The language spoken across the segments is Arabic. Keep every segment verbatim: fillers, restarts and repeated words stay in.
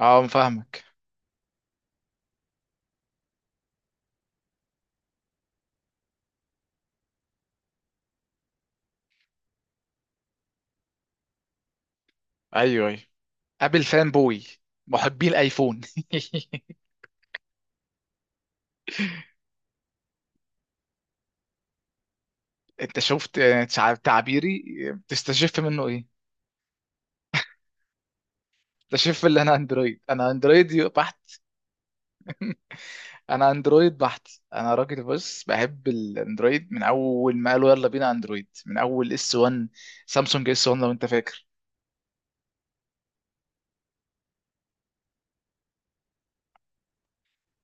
اه فاهمك. ايوه ايوه، ابل فان بوي، محبي الايفون. انت شفت آه، تع- تعبيري، تستشف منه ايه؟ تستشف اللي انا اندرويد، انا اندرويد بحت انا اندرويد بحت انا راجل، بص، بحب الاندرويد من اول ما قالوا يلا بينا اندرويد، من اول اس واحد. سامسونج اس واحد لو انت فاكر.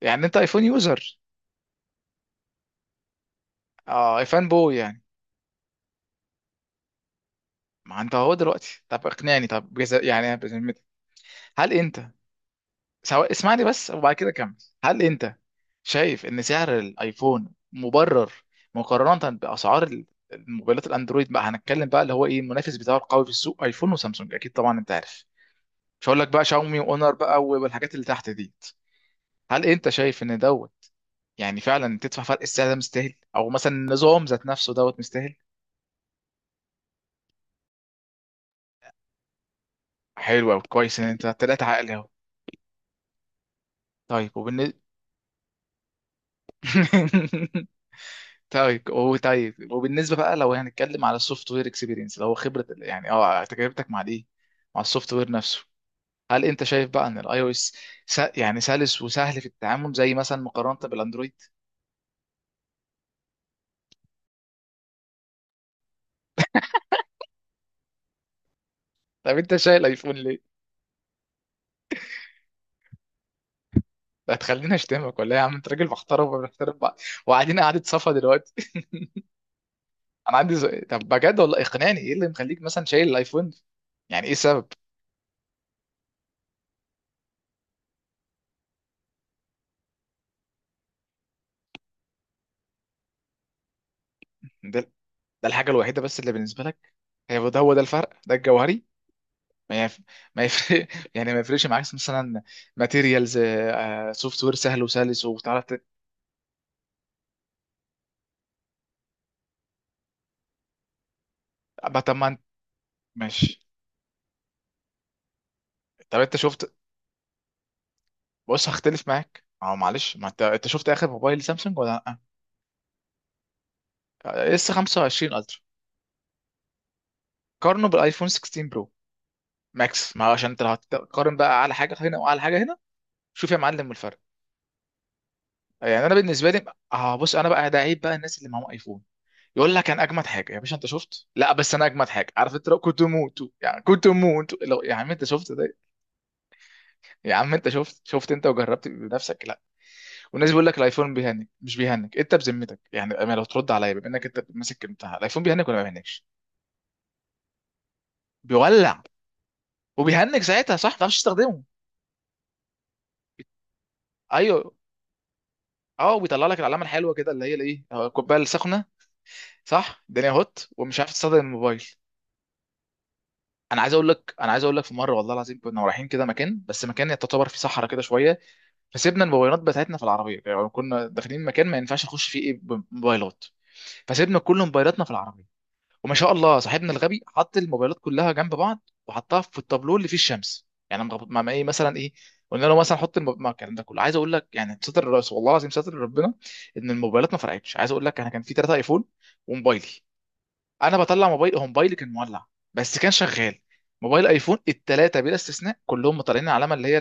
يعني انت ايفون يوزر، اه ايفون بوي يعني. ما انت اهو دلوقتي، طب اقنعني، طب بجز- يعني بذمتك، هل انت سواء؟ اسمعني بس وبعد كده كمل. هل انت شايف ان سعر الايفون مبرر مقارنة باسعار ال- الموبايلات الاندرويد؟ بقى هنتكلم بقى اللي هو ايه المنافس بتاعه القوي في السوق؟ ايفون وسامسونج اكيد طبعا، انت عارف، مش هقول لك بقى شاومي واونر بقى والحاجات اللي تحت دي. هل انت شايف ان دوت يعني فعلا تدفع فرق السعر ده مستاهل، او مثلا النظام ذات نفسه دوت مستاهل؟ حلو قوي، كويس ان انت طلعت عقلي اهو. طيب وبالنسبة، طيب وطيب وبالنسبه بقى، لو هنتكلم على السوفت وير اكسبيرينس، لو خبره ال- يعني اه تجربتك مع دي، مع السوفت وير نفسه، هل انت شايف بقى ان الاي او اس يعني سلس وسهل في التعامل زي مثلا، مقارنه بالاندرويد؟ طب انت شايل ايفون ليه؟ ده هتخليني اشتمك ولا إيه؟ يا عم انت راجل محترم وبنحترم بعض وقاعدين قعده صفا دلوقتي. انا عندي سؤال. طب بجد والله اقنعني، ايه اللي مخليك مثلا شايل الايفون؟ يعني ايه السبب؟ ده ده الحاجه الوحيده بس اللي بالنسبه لك؟ هي ده، هو ده الفرق ده الجوهري؟ ما يف... ما يفرق يعني ما يفرقش معاك مثلا ماتيريالز، سوفت وير سهل وسلس وتعرف تت- أبقى؟ طب ما انت، ماشي. طب انت شفت، بص هختلف معاك، اه معلش، ما انت، انت شفت اخر موبايل سامسونج ولا لا؟ آه، اس خمسة وعشرين الترا، قارنه بالايفون ستاشر برو ماكس. ما هو عشان انت لو هتقارن بقى، اعلى حاجه هنا واعلى حاجه هنا. شوف يا معلم الفرق. يعني انا بالنسبه لي، اه بص، انا بقى ده عيب بقى الناس اللي معاهم ايفون، يقول لك انا اجمد حاجه يا باشا انت شفت؟ لا بس انا اجمد حاجه. عارف انت لو كنت موت، يعني كنت موت لو يعني انت شفت ده. يا عم انت شفت، شفت انت وجربت بنفسك؟ لا. والناس بيقول لك الايفون بيهنج مش بيهنج، انت بذمتك يعني بأمانة لو ترد عليا، بما انك انت ماسك بتاع الايفون، بيهنج ولا ما بيهنجش؟ بيولع وبيهنج ساعتها، صح؟ ما تعرفش تستخدمه. ايوه، اه بيطلع لك العلامه الحلوه كده اللي هي الايه، اه، الكوبايه السخنه، صح؟ الدنيا هوت ومش عارف تستخدم الموبايل. انا عايز اقول لك انا عايز اقول لك، في مره والله العظيم كنا رايحين كده مكان، بس مكان تعتبر فيه صحراء كده شويه. فسيبنا الموبايلات بتاعتنا في العربيه، يعني كنا داخلين مكان ما ينفعش نخش فيه ايه بموبايلات. فسيبنا كل موبايلاتنا في العربيه، وما شاء الله صاحبنا الغبي حط الموبايلات كلها جنب بعض وحطها في التابلو اللي فيه الشمس. يعني مغب- ما ما- ايه مثلا ايه، قلنا له مثلا حط الموب- ما الكلام ده كله عايز اقول لك يعني ستر الرئيس، والله العظيم ستر ربنا ان الموبايلات ما فرقتش. عايز اقول لك انا كان في ثلاثه ايفون وموبايلي. انا بطلع موبايل، هو موبايلي كان مولع بس كان شغال. موبايل ايفون الثلاثه بلا استثناء كلهم طالعين علامه اللي هي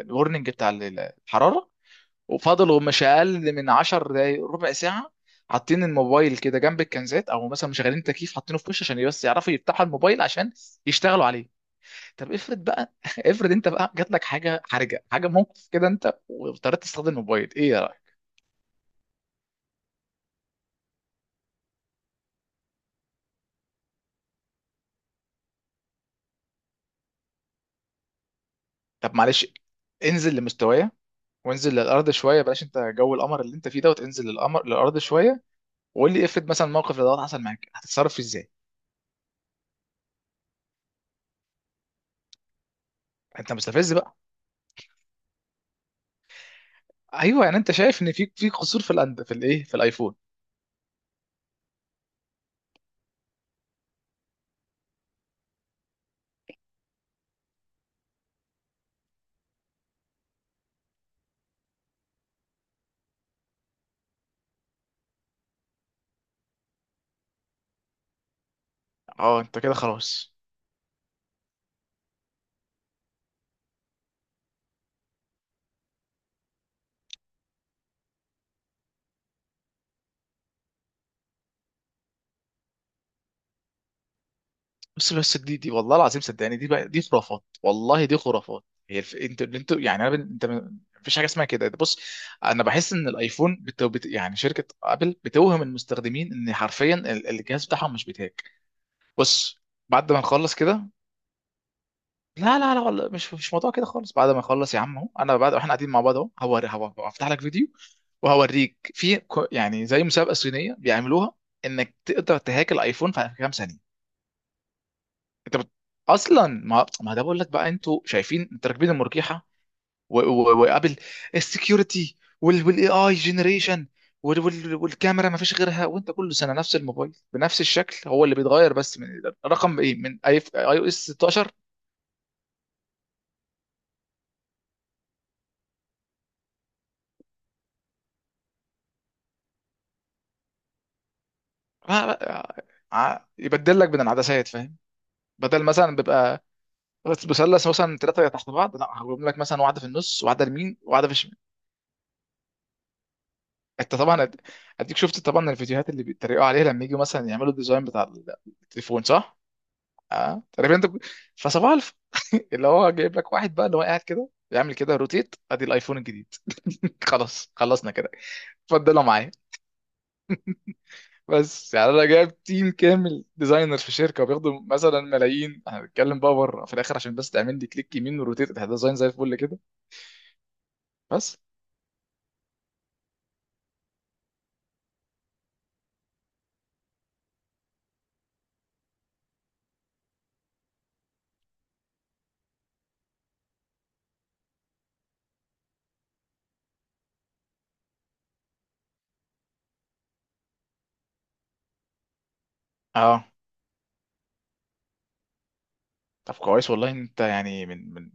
الورنينج بتاع ال- الحراره. وفضلوا مش اقل من عشر دقايق ربع ساعه حاطين الموبايل كده جنب الكنزات، او مثلا مشغلين تكييف حاطينه في وش، عشان بس يعرفوا يفتحوا الموبايل عشان يشتغلوا عليه. طب افرض بقى افرض انت بقى جات لك حاجه حرجه، حاجه موقف كده انت واضطريت تستخدم الموبايل، ايه يا راجل؟ طب معلش، انزل لمستوايا وانزل للارض شويه، بلاش انت جو القمر اللي انت فيه دوت، انزل للقمر، للارض شويه، وقول لي افرض مثلا موقف دوت حصل معاك هتتصرف ازاي؟ انت مستفز بقى. ايوه يعني انت شايف ان في في قصور في الأند... في الايه في الايفون؟ اه انت كده خلاص. بس بس دي دي والله العظيم صدقني، دي بقى دي خرافات، والله دي خرافات. هي الف... انت انت يعني انا بن- انت من- مفيش حاجه اسمها كده بص. انا بحس ان الايفون بت... بت... يعني شركه ابل بتوهم المستخدمين ان حرفيا ال- الجهاز بتاعهم مش بيتهاج. بص بعد ما نخلص كده، لا لا لا والله مش مش موضوع كده خالص. بعد ما نخلص يا عم اهو، انا بعد احنا قاعدين مع بعض اهو، هوري هو- هفتح لك فيديو وهوريك في كو- يعني زي مسابقه صينيه بيعملوها، انك تقدر تهاك الايفون في كام ثانيه. انت بت... اصلا ما ما ده بقول لك بقى، انتوا شايفين انت راكبين المرجحه و- و- وقابل السكيورتي والاي اي جنريشن والكاميرا، ما فيش غيرها. وانت كل سنه نفس الموبايل بنفس الشكل، هو اللي بيتغير بس من رقم ايه، من اي اي او اس ستة عشر. آه، آه، يبدل لك من العدسات، فاهم؟ بدل مثلا بيبقى مثلث مثلا ثلاثه تحت بعض، لا هجيب لك مثلا واحده في النص واحده يمين واحده في. انت طبعا أد- اديك شفت طبعا الفيديوهات اللي بيتريقوا عليها لما يجوا مثلا يعملوا الديزاين بتاع ال- التليفون، صح؟ اه تقريبا انت ب- فصباح الف اللي هو جايب لك واحد بقى اللي هو قاعد كده بيعمل كده روتيت ادي الايفون الجديد. خلاص خلصنا كده. اتفضلوا معايا بس. يعني انا جايب تيم كامل ديزاينر في شركه وبياخدوا مثلا ملايين، احنا بنتكلم بقى بره في الاخر، عشان بس تعمل لي كليك يمين وروتيت ده ديزاين زي الفل كده. بس اه، طب كويس والله إن انت يعني من من،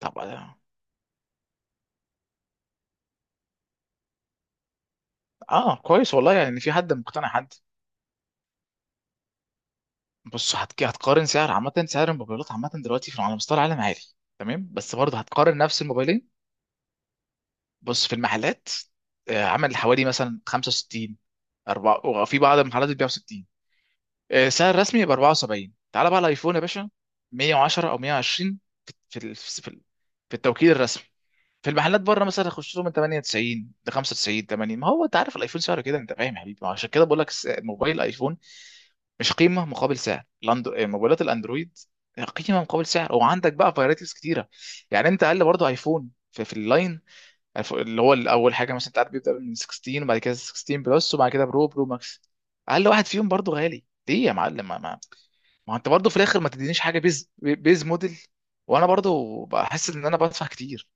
طب اه كويس والله يعني ان في حد مقتنع حد. بص هتك... هتقارن سعر عامة، سعر الموبايلات عامة دلوقتي في على مستوى العالم عالي. تمام بس برضه هتقارن نفس الموبايلين. بص في المحلات، آه، عامل حوالي مثلا خمسة وستين أربعة، وفي بعض المحلات بتبيع ستين. آه، سعر رسمي ب اربعة وسبعين. تعال بقى على الايفون يا باشا، مية وعشرة او مية وعشرين، في ال- في ال- في التوكيل الرسمي. في المحلات بره مثلا يخش لهم من ثمانية وتسعين ل خمسة وتسعين تمانين. ما هو انت عارف الايفون سعره كده، انت فاهم يا حبيبي. ما هو عشان كده بقول لك س- موبايل ايفون مش قيمه مقابل سعر الأند- موبايلات الاندرويد. قيمه مقابل سعر، وعندك بقى فرايتيز كتيره. يعني انت اقل برضه ايفون في, في اللاين، الف- اللي هو اول حاجه مثلا، انت عارف بيبدا من ستة عشر، وبعد كده ستاشر بلس، وبعد كده برو برو ماكس. اقل واحد فيهم برضه غالي ليه يا معلم؟ ما, ما, ما انت برضه في الاخر ما تدينيش حاجه بيز بيز موديل، وانا برضه بحس ان انا بدفع كتير.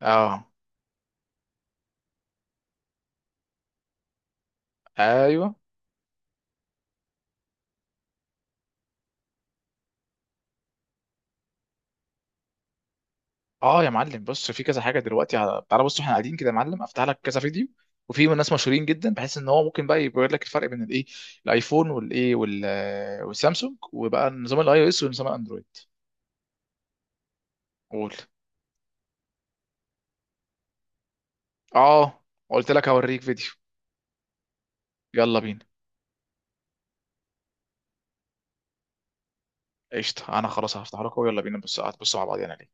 اه، ايوه. اه يا معلم بص، في كذا حاجه دلوقتي على... تعالى بص احنا قاعدين كده يا معلم، افتح لك كذا فيديو وفي ناس مشهورين جدا بحيث ان هو ممكن بقى يبين لك الفرق بين الايه الايفون، والايه وال... والسامسونج، وبقى نظام الاي او اس ونظام الاندرويد. قول. اه قلت لك هوريك فيديو. يلا بينا. قشطه، انا خلاص هفتح لك ويلا بينا، بص هتبصوا مع بعض يعني.